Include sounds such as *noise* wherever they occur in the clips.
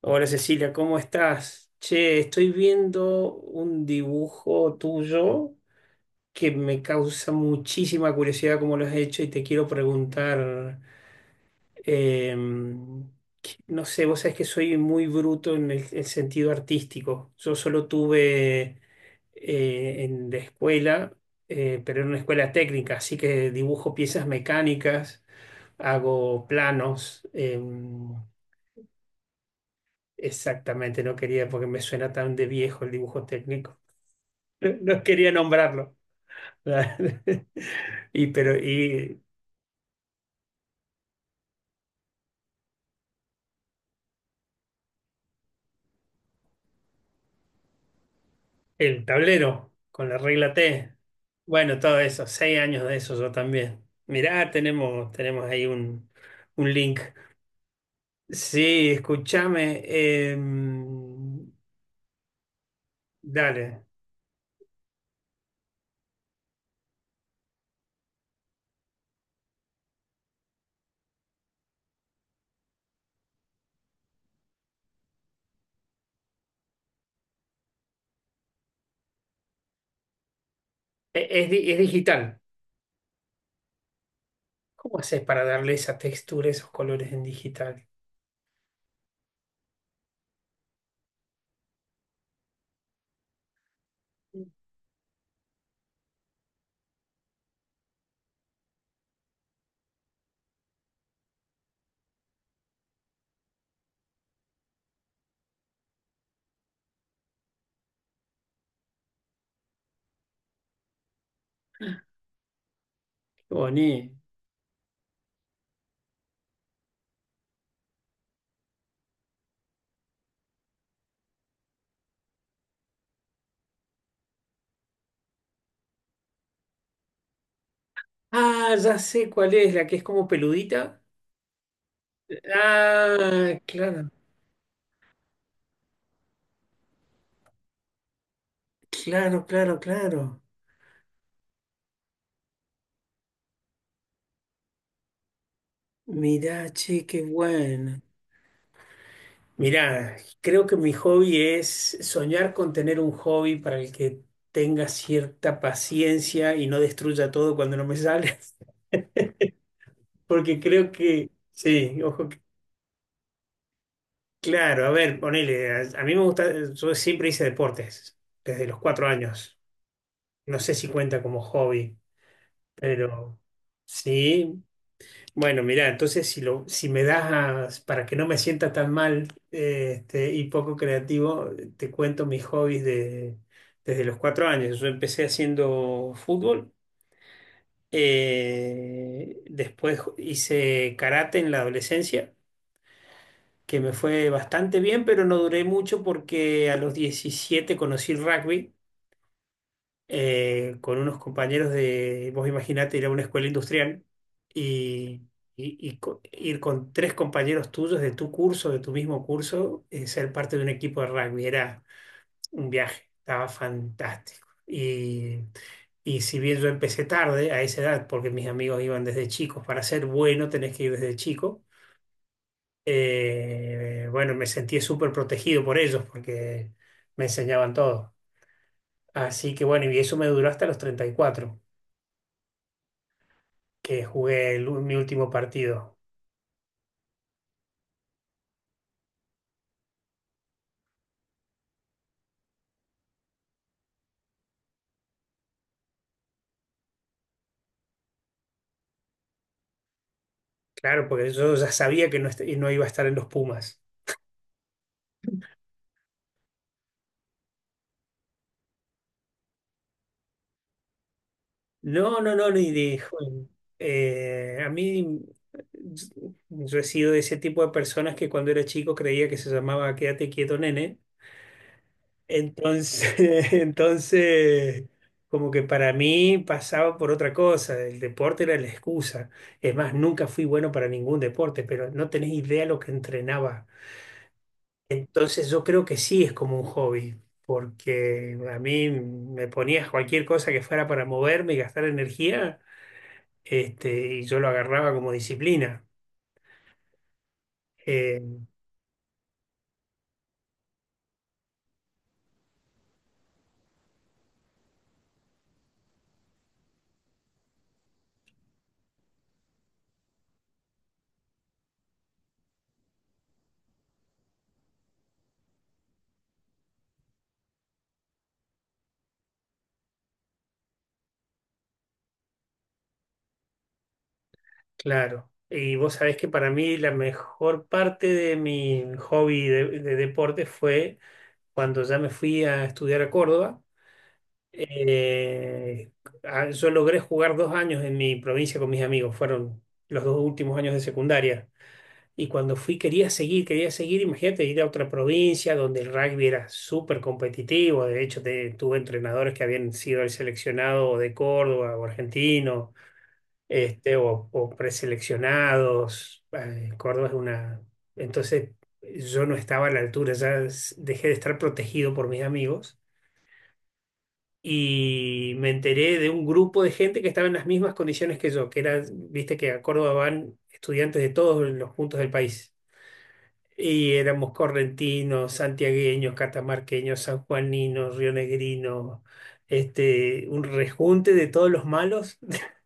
Hola Cecilia, ¿cómo estás? Che, estoy viendo un dibujo tuyo que me causa muchísima curiosidad cómo lo has hecho y te quiero preguntar, em, no sé, vos sabés que soy muy bruto en el sentido artístico. Yo solo tuve en la escuela, pero en una escuela técnica, así que dibujo piezas mecánicas, hago planos. Exactamente, no quería, porque me suena tan de viejo el dibujo técnico. *laughs* No quería nombrarlo. *laughs* Y, pero, y el tablero con la regla T. Bueno, todo eso, 6 años de eso yo también. Mirá, tenemos ahí un link. Sí, escúchame. Dale. Es, es digital. ¿Cómo haces para darle esa textura, esos colores en digital? Qué bonito. Ah, ya sé cuál es, la que es como peludita. Ah, claro, claro, claro, claro. Mirá, che, qué bueno. Mirá, creo que mi hobby es soñar con tener un hobby para el que tenga cierta paciencia y no destruya todo cuando no me sale. *laughs* Porque creo que, sí, ojo, claro, a ver, ponele, a mí me gusta, yo siempre hice deportes, desde los 4 años. No sé si cuenta como hobby, pero sí. Bueno, mira, entonces si me das para que no me sienta tan mal, este, y poco creativo, te cuento mis hobbies de, desde los 4 años. Yo empecé haciendo fútbol, después hice karate en la adolescencia, que me fue bastante bien, pero no duré mucho porque a los 17 conocí el rugby, con unos compañeros de, vos imaginate ir a una escuela industrial y, ir con tres compañeros tuyos de tu curso, de tu mismo curso, ser parte de un equipo de rugby. Era un viaje, estaba fantástico. Y si bien yo empecé tarde a esa edad, porque mis amigos iban desde chicos, para ser bueno tenés que ir desde chico. Eh, bueno, me sentí súper protegido por ellos porque me enseñaban todo. Así que bueno, y eso me duró hasta los 34. Que jugué mi último partido. Claro, porque yo ya sabía que no, no iba a estar en los Pumas. No, no, no, ni dijo. A mí, yo he sido de ese tipo de personas que cuando era chico creía que se llamaba Quédate quieto, nene. Entonces, *laughs* entonces, como que para mí pasaba por otra cosa, el deporte era la excusa. Es más, nunca fui bueno para ningún deporte, pero no tenés idea lo que entrenaba. Entonces yo creo que sí es como un hobby, porque a mí me ponías cualquier cosa que fuera para moverme y gastar energía, este, y yo lo agarraba como disciplina. Eh, claro. Y vos sabés que para mí la mejor parte de mi hobby de deporte fue cuando ya me fui a estudiar a Córdoba. Eh, yo logré jugar 2 años en mi provincia con mis amigos, fueron los 2 últimos años de secundaria. Y cuando fui quería seguir, imagínate ir a otra provincia donde el rugby era súper competitivo, de hecho tuve entrenadores que habían sido el seleccionado de Córdoba o argentino, este, o preseleccionados, Córdoba es una... Entonces yo no estaba a la altura, dejé de estar protegido por mis amigos y me enteré de un grupo de gente que estaba en las mismas condiciones que yo, que era, viste que a Córdoba van estudiantes de todos los puntos del país. Y éramos correntinos, santiagueños, catamarqueños, sanjuaninos, rionegrinos, este, un rejunte de todos los malos. *laughs*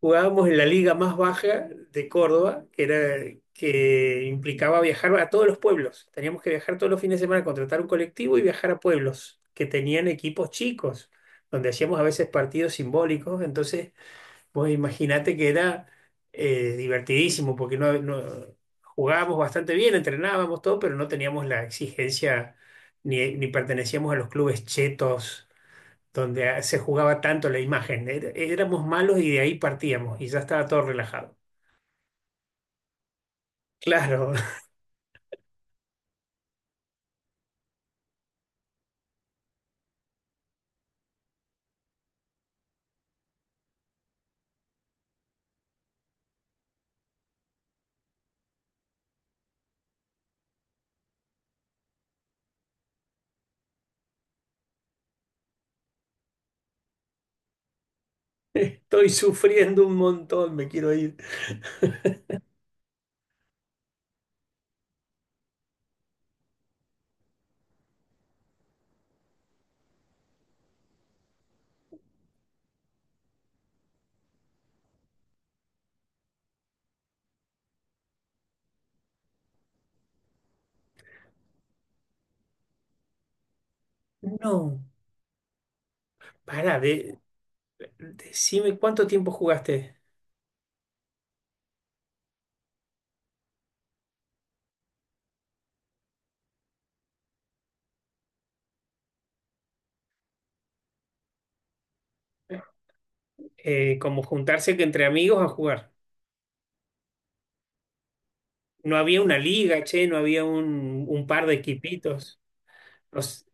Jugábamos en la liga más baja de Córdoba, que era, que implicaba viajar a todos los pueblos. Teníamos que viajar todos los fines de semana, contratar un colectivo y viajar a pueblos que tenían equipos chicos, donde hacíamos a veces partidos simbólicos. Entonces pues imagínate que era, divertidísimo, porque jugábamos bastante bien, entrenábamos todo, pero no teníamos la exigencia ni pertenecíamos a los clubes chetos donde ah, se jugaba tanto la imagen. Éramos malos y de ahí partíamos y ya estaba todo relajado. Claro, *laughs* estoy sufriendo un montón, me quiero ir. No, para, de, decime cuánto tiempo jugaste. Como juntarse que entre amigos a jugar. No había una liga, che, no había un par de equipitos. No s-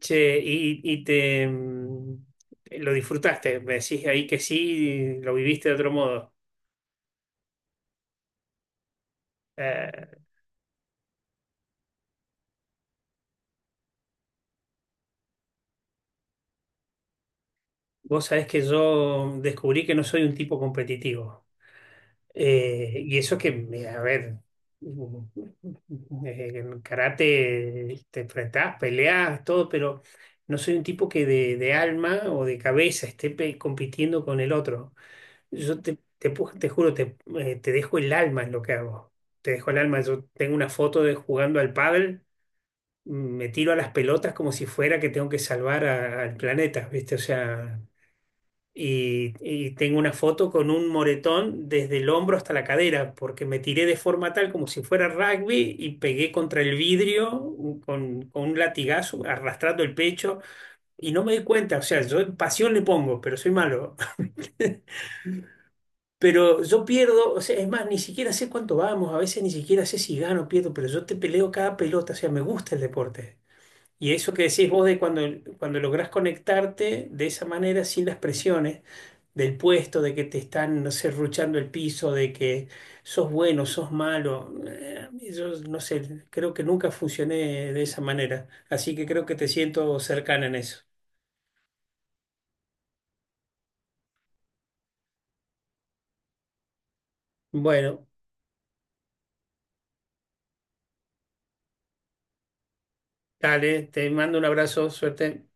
Che, y te mm, lo disfrutaste, me decís ahí que sí, lo viviste de otro modo. Eh, vos sabés que yo descubrí que no soy un tipo competitivo. Y eso que, a ver, mm, en karate te enfrentás, peleás, todo, pero no soy un tipo que de alma o de cabeza esté compitiendo con el otro. Yo te juro, te dejo el alma en lo que hago. Te dejo el alma. Yo tengo una foto de jugando al pádel, me tiro a las pelotas como si fuera que tengo que salvar al planeta, ¿viste? O sea, y tengo una foto con un moretón desde el hombro hasta la cadera, porque me tiré de forma tal como si fuera rugby y pegué contra el vidrio con un latigazo, arrastrando el pecho, y no me di cuenta. O sea, yo pasión le pongo, pero soy malo. *laughs* Pero yo pierdo, o sea, es más, ni siquiera sé cuánto vamos, a veces ni siquiera sé si gano o pierdo, pero yo te peleo cada pelota, o sea, me gusta el deporte. Y eso que decís vos de cuando, cuando lográs conectarte de esa manera, sin las presiones del puesto, de que te están, no sé, ruchando el piso, de que sos bueno, sos malo. Eh, yo no sé, creo que nunca funcioné de esa manera. Así que creo que te siento cercana en eso. Bueno, dale, te mando un abrazo, suerte.